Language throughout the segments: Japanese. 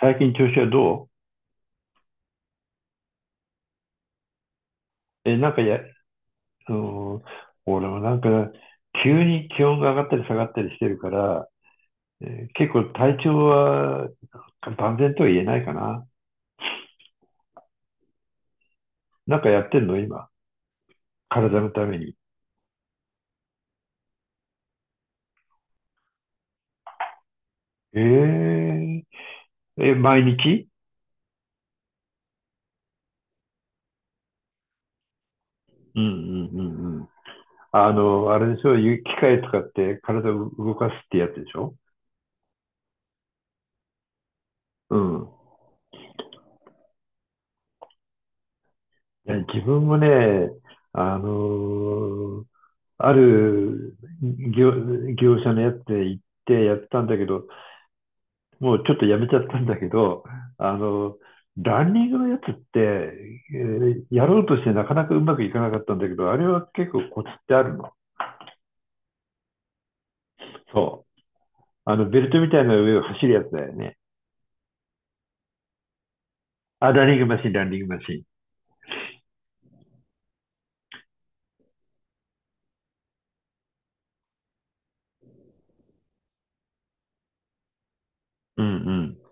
最近調子はどう？え、なんかや、うん、俺も急に気温が上がったり下がったりしてるから、結構体調は万全とは言えないかな。なんかやってんの今？体のために。えー、え、毎日？うんうんうんうん。あの、あれでしょ？機械使って体を動かすってやつでしょ？うん。いや、自分もね、あのーある業、業者のやつで行ってやったんだけど、もうちょっとやめちゃったんだけど、あの、ランニングのやつって、やろうとしてなかなかうまくいかなかったんだけど、あれは結構コツってあるの？そう。あの、ベルトみたいな上を走るやつだよね。あ、ランニングマシン、ランニングマシン。うんうん。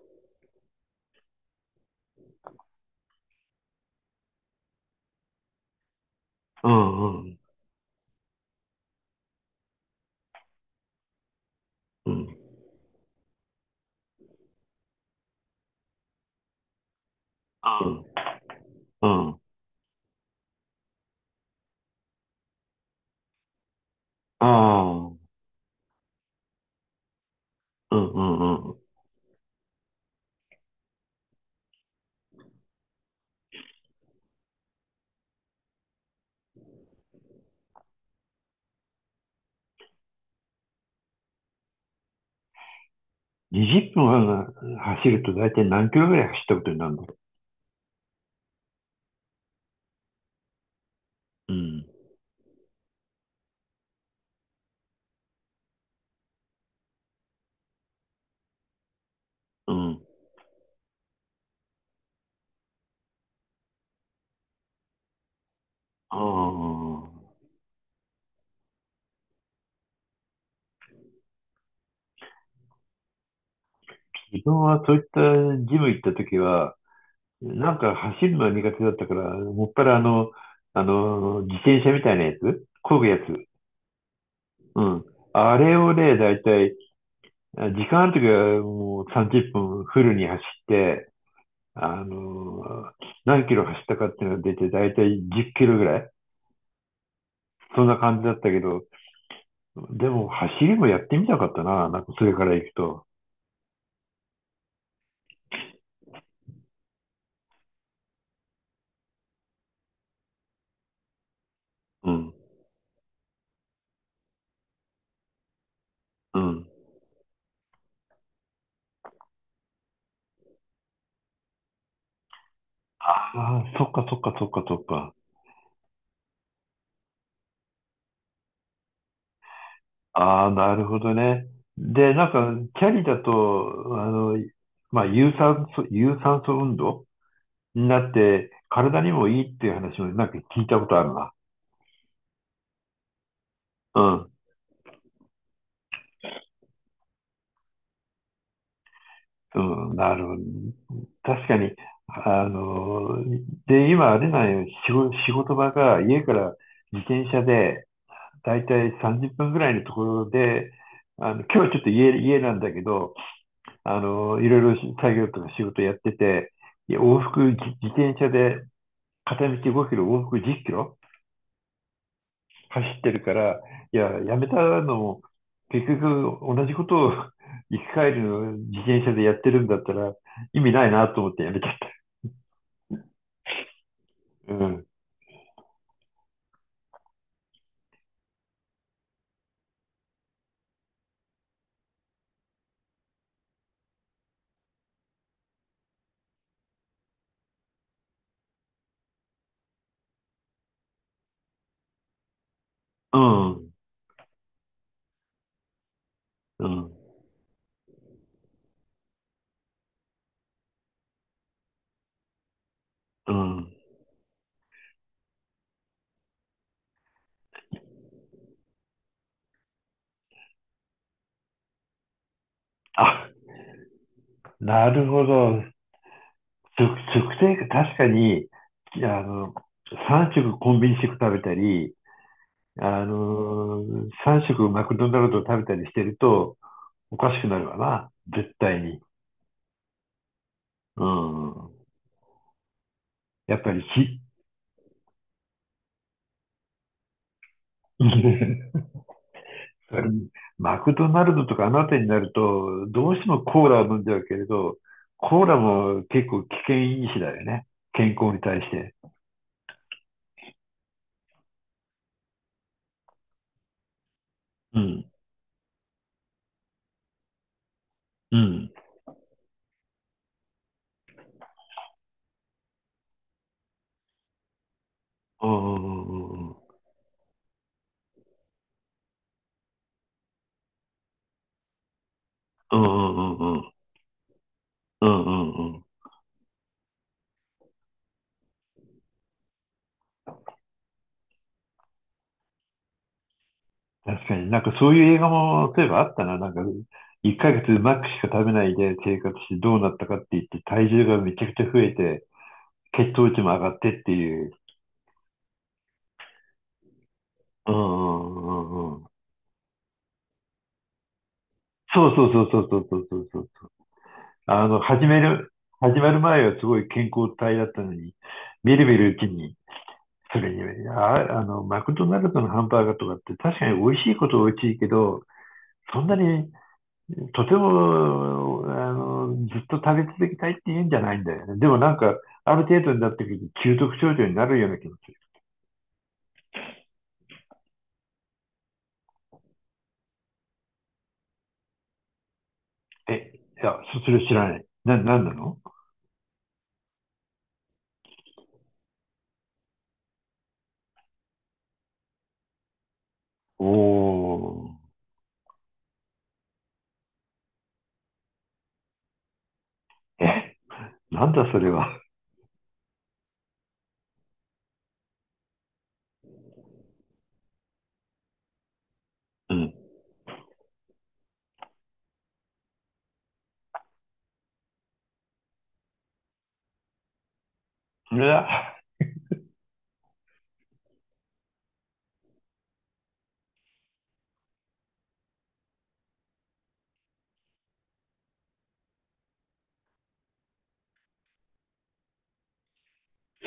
うんうん。うん、あ、うーん。うん。ああ。うんうんうんうんうんうんうん、ああ、うんうんうん。20分走ると大体何キロぐらい走ったことになるの？うん。うん。ああ、自分はそういったジム行った時は、なんか走るのは苦手だったから、もっぱらあの、自転車みたいなやつ漕ぐやつ。うん。あれをね、だいたい、あ、時間ある時はもう30分フルに走って、あの、何キロ走ったかっていうのが出て、だいたい10キロぐらい。そんな感じだったけど、でも走りもやってみたかったな、なんかそれから行くと。うん、うん。ああ、そっかそっかそっかそっか。ああ、なるほどね。で、なんか、キャリだと、あの、まあ、有酸素運動になって、体にもいいっていう話もなんか聞いたことあるな。うん、うん、なるほど。確かに、あの、で、今あれなんよ、仕事場が家から自転車で、だいたい30分ぐらいのところで、あの、今日はちょっと家なんだけど、あの、いろいろ作業とか仕事やってて、いや往復自転車で片道5キロ、往復10キロ走ってるから、いや、やめたのも、結局同じことを 行き帰りの自転車でやってるんだったら意味ないなと思ってやめちゃった。うん。うん。うん。うん。あ、なるほど。食生活、確かに、あの、3食コンビニ食食べたり、あの、3食マクドナルド食べたりしてるとおかしくなるわな。絶対に。うん。やっぱりひ、マクドナルドとかあの辺りになると、どうしてもコーラを飲んじゃうけれど、コーラも結構危険因子だよね。健康に対して。うん。うん。うんうんうんうん。うんうんうんうんうんうんうんうんうんうんうん。確かになんかそういう映画も、例えばあったな。なんか、1ヶ月マックしか食べないで生活してどうなったかって言って、体重がめちゃくちゃ増えて、血糖値も上がってっていう。うんうんうんうん。そうそうそうそうそうそうそう。あの、始まる前はすごい健康体だったのに、みるみるうちに、それに、あ、マクドナルドのハンバーガーとかって確かに美味しいことは美味しいけど、そんなに、とても、あの、ずっと食べ続けたいって言うんじゃないんだよね。でもなんか、ある程度になってくると、中毒症状になるような気持ち。え、いや、それ知らない。なんなの？おー。え、なんだそれは。うん。うわ。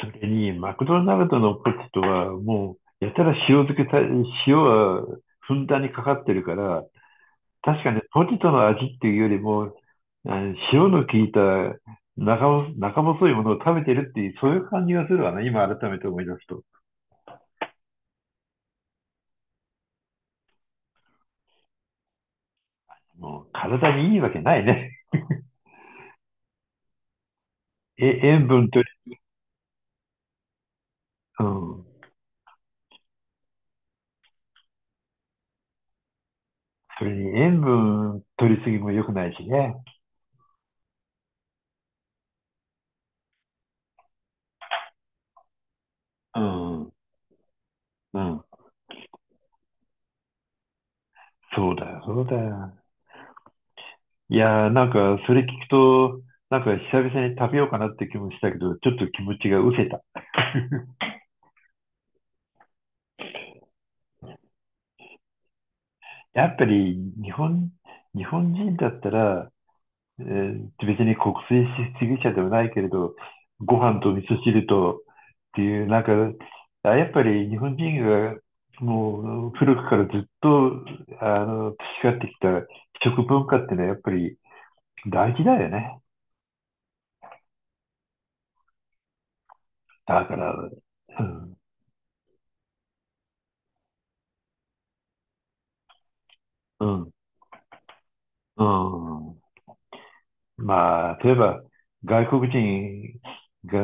それに、マクドナルドのポテトは、もう、やたら塩漬けた、塩はふんだんにかかってるから、確かにポテトの味っていうよりも、あ、塩の効いた中中細いものを食べてるっていう、そういう感じがするわね、今改めて思い出すと。もう、体にいいわけないね。え、塩分取り、うん。それに塩分取りすぎも良くないしね。うん。うん。そうだよ、そうだよ。いやー、なんか、それ聞くと、なんか、久々に食べようかなって気もしたけど、ちょっと気持ちが失せた。やっぱり、日本、日本人だったら、別に国粋主義者ではないけれど、ご飯と味噌汁とっていう、なんか、あ、やっぱり日本人が、もう、古くからずっと、あの、培ってきた食文化ってのは、やっぱり大事だよね。だから、うん、うん、うん。まあ、例えば、外国人が、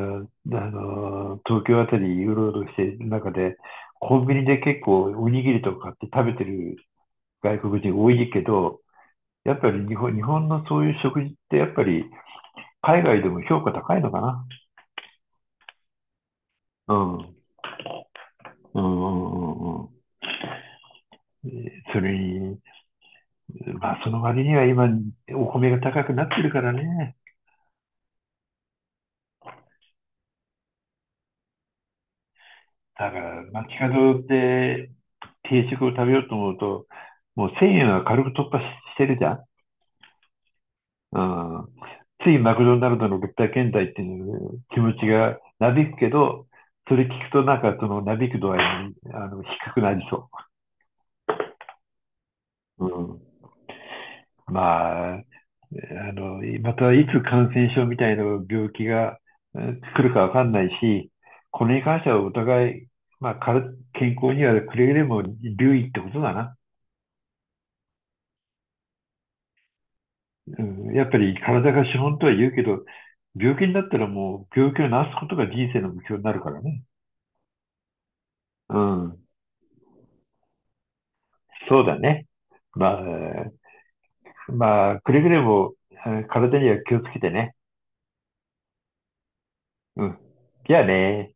あの、東京あたりうろうろしている中で、コンビニで結構おにぎりとか買って食べてる外国人多いけど、やっぱり日本のそういう食事ってやっぱり海外でも評価高いのかな。うん。うんうんうんうん。それに、まあその割には今お米が高くなってるからね。だから、街角で定食を食べようと思うと、もう1000円は軽く突破ししてるじゃん。うん。ついマクドナルドの物体検体っていう気持ちがなびくけど、それ聞くとなんかそのなびく度合いにあの低くなりそう。うん。まあ、あの、またいつ感染症みたいな病気が来るかわかんないし、これに関してはお互い、まあ、から健康にはくれぐれも留意ってことだな。うん。やっぱり体が資本とは言うけど、病気になったらもう病気を治すことが人生の目標になるからね。うん。そうだね。まあ、くれぐれも体には気をつけてね。うん。じゃあね。